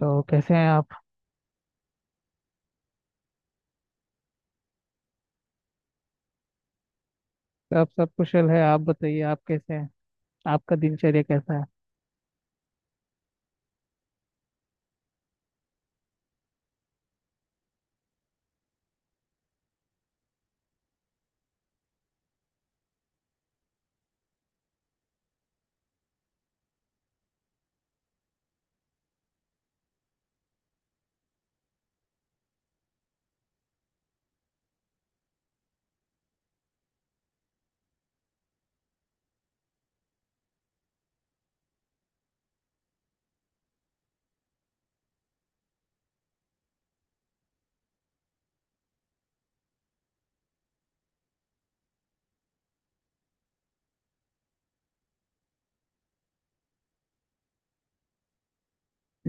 तो कैसे हैं आप। आप सब कुशल है। आप बताइए, आप कैसे हैं। आपका दिनचर्या कैसा है।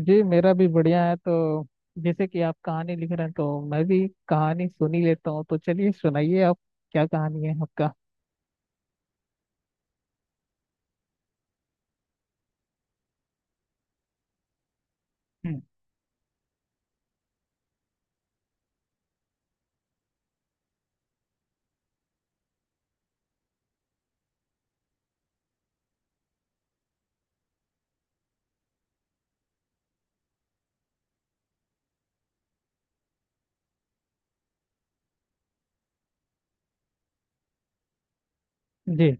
जी मेरा भी बढ़िया है। तो जैसे कि आप कहानी लिख रहे हैं, तो मैं भी कहानी सुन ही लेता हूँ। तो चलिए सुनाइए आप। क्या कहानी है आपका। हम्म। जी।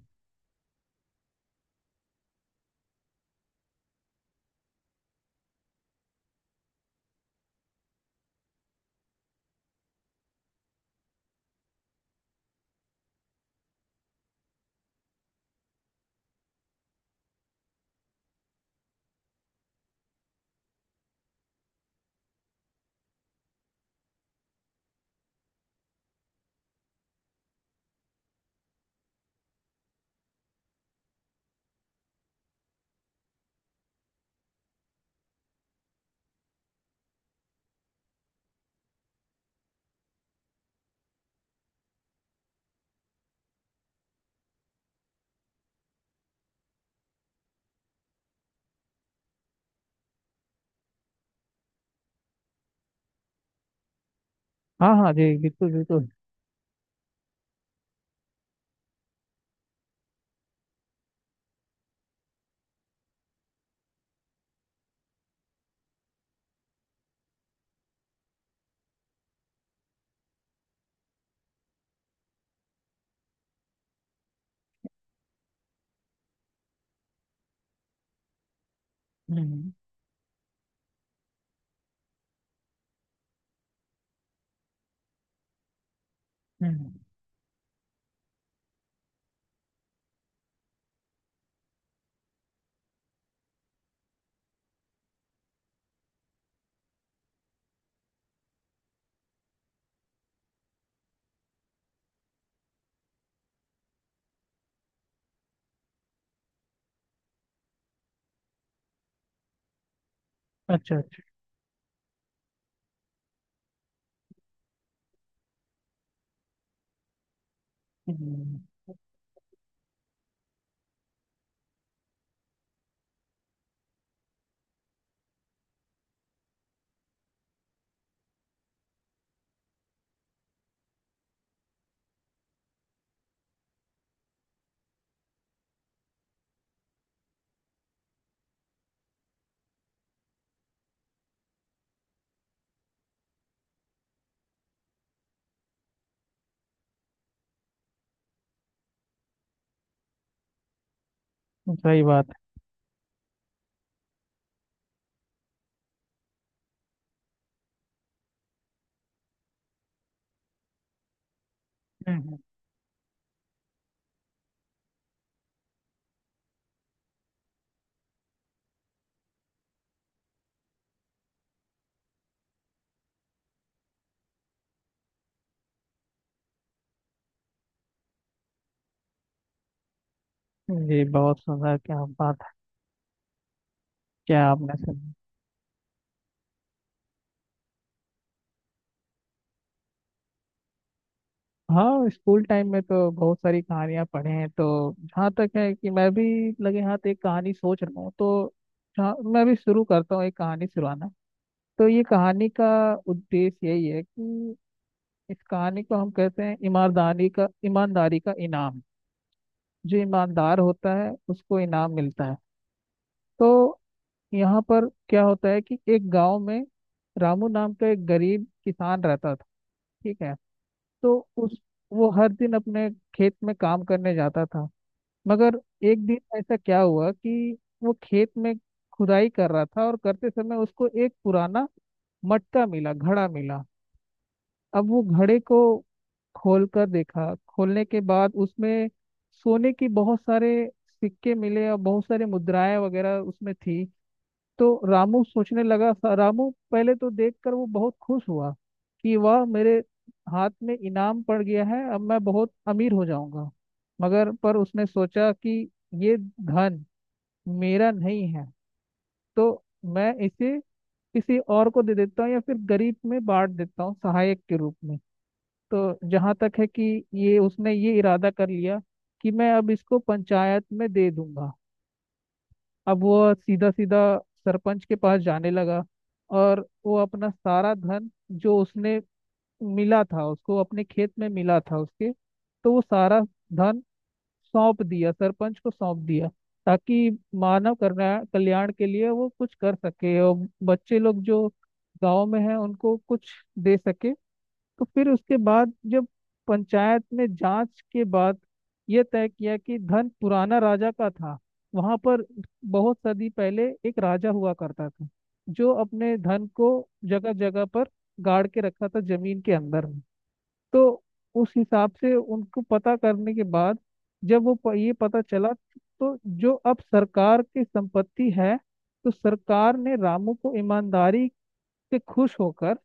हाँ हाँ जी, बिल्कुल बिल्कुल। हम्म हम्म। अच्छा अच्छा। हम्म। सही बात है। हम्म। जी बहुत सुंदर, क्या बात है। क्या आपने सुना। हाँ, स्कूल टाइम में तो बहुत सारी कहानियां पढ़े हैं। तो जहाँ तक है कि मैं भी लगे हाथ एक कहानी सोच रहा हूँ। तो मैं भी शुरू करता हूँ एक कहानी सुनाना। तो ये कहानी का उद्देश्य यही है कि इस कहानी को हम कहते हैं ईमानदारी का, ईमानदारी का इनाम। जो ईमानदार होता है उसको इनाम मिलता है। तो यहाँ पर क्या होता है कि एक गांव में रामू नाम का एक गरीब किसान रहता था। ठीक है। तो उस वो हर दिन अपने खेत में काम करने जाता था। मगर एक दिन ऐसा क्या हुआ कि वो खेत में खुदाई कर रहा था, और करते समय उसको एक पुराना मटका मिला, घड़ा मिला। अब वो घड़े को खोल कर देखा। खोलने के बाद उसमें सोने की बहुत सारे सिक्के मिले और बहुत सारे मुद्राएं वगैरह उसमें थी। तो रामू सोचने लगा, रामू पहले तो देखकर वो बहुत खुश हुआ कि वाह, मेरे हाथ में इनाम पड़ गया है, अब मैं बहुत अमीर हो जाऊंगा। मगर पर उसने सोचा कि ये धन मेरा नहीं है। तो मैं इसे किसी और को दे देता हूँ या फिर गरीब में बांट देता हूँ सहायक के रूप में। तो जहाँ तक है कि ये उसने ये इरादा कर लिया कि मैं अब इसको पंचायत में दे दूंगा। अब वो सीधा सीधा सरपंच के पास जाने लगा। और वो अपना सारा धन जो उसने मिला था, उसको अपने खेत में मिला था उसके, तो वो सारा धन सौंप दिया, सरपंच को सौंप दिया। ताकि मानव कल्याण, कल्याण के लिए वो कुछ कर सके और बच्चे लोग जो गांव में हैं उनको कुछ दे सके। तो फिर उसके बाद जब पंचायत में जांच के बाद यह तय किया कि धन पुराना राजा का था। वहां पर बहुत सदी पहले एक राजा हुआ करता था जो अपने धन को जगह जगह पर गाड़ के रखा था जमीन के अंदर में। तो उस हिसाब से उनको पता करने के बाद जब ये पता चला तो जो अब सरकार की संपत्ति है, तो सरकार ने रामू को ईमानदारी से खुश होकर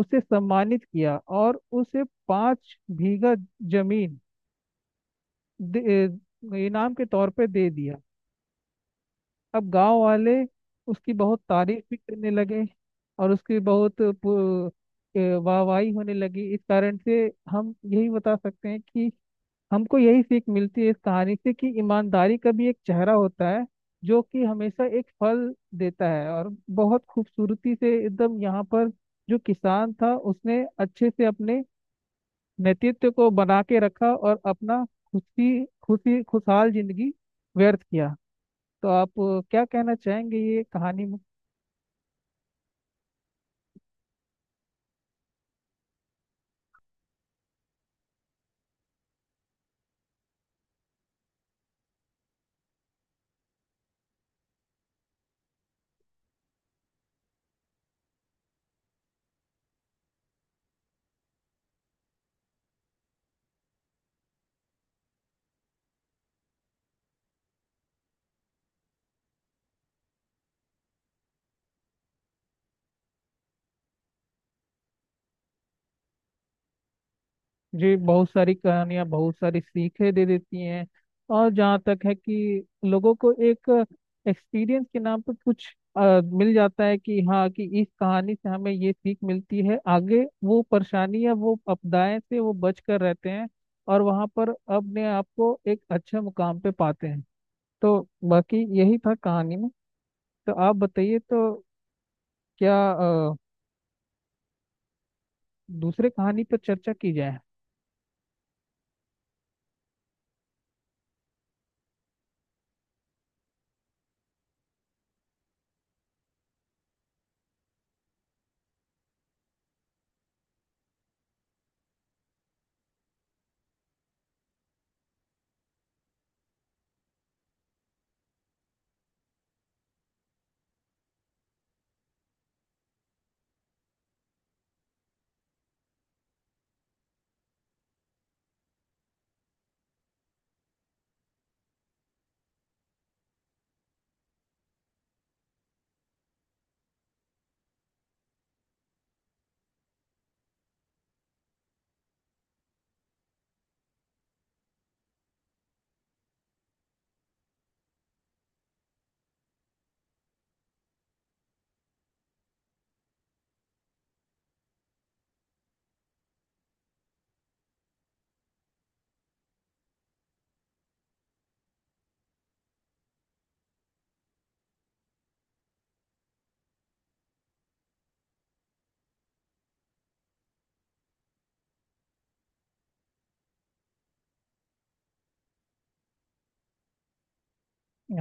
उसे सम्मानित किया और उसे पांच बीघा जमीन दे- इनाम के तौर पे दे दिया। अब गांव वाले उसकी बहुत तारीफ भी करने लगे। और वाहवाही होने लगी। इस कारण से हम यही बता सकते हैं कि हमको यही सीख मिलती है इस कहानी से कि ईमानदारी का भी एक चेहरा होता है जो कि हमेशा एक फल देता है। और बहुत खूबसूरती से एकदम यहाँ पर जो किसान था उसने अच्छे से अपने नेतृत्व को बना के रखा और अपना खुशी खुशी खुशहाल जिंदगी व्यर्थ किया। तो आप क्या कहना चाहेंगे ये कहानी में। जी बहुत सारी कहानियां बहुत सारी सीखें दे देती हैं। और जहाँ तक है कि लोगों को एक एक्सपीरियंस के नाम पर कुछ मिल जाता है कि हाँ कि इस कहानी से हमें ये सीख मिलती है, आगे वो परेशानी या वो आपदाएं से वो बच कर रहते हैं और वहाँ पर अपने आप को एक अच्छे मुकाम पे पाते हैं। तो बाकी यही था कहानी में। तो आप बताइए, तो क्या दूसरे कहानी पर चर्चा की जाए।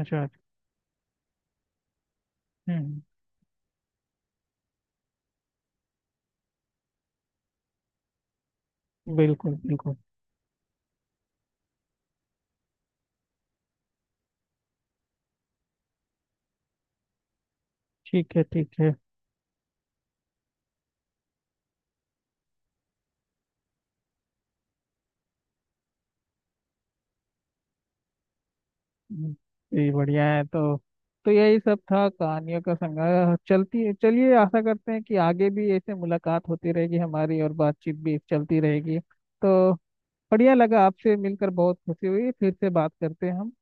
अच्छा। हम्म, बिल्कुल बिल्कुल। ठीक है ठीक है। हम्म। जी बढ़िया है। तो यही सब था कहानियों का संग्रह। चलती है, चलिए आशा करते हैं कि आगे भी ऐसे मुलाकात होती रहेगी हमारी और बातचीत भी चलती रहेगी। तो बढ़िया लगा आपसे मिलकर, बहुत खुशी हुई। फिर से बात करते हैं हम।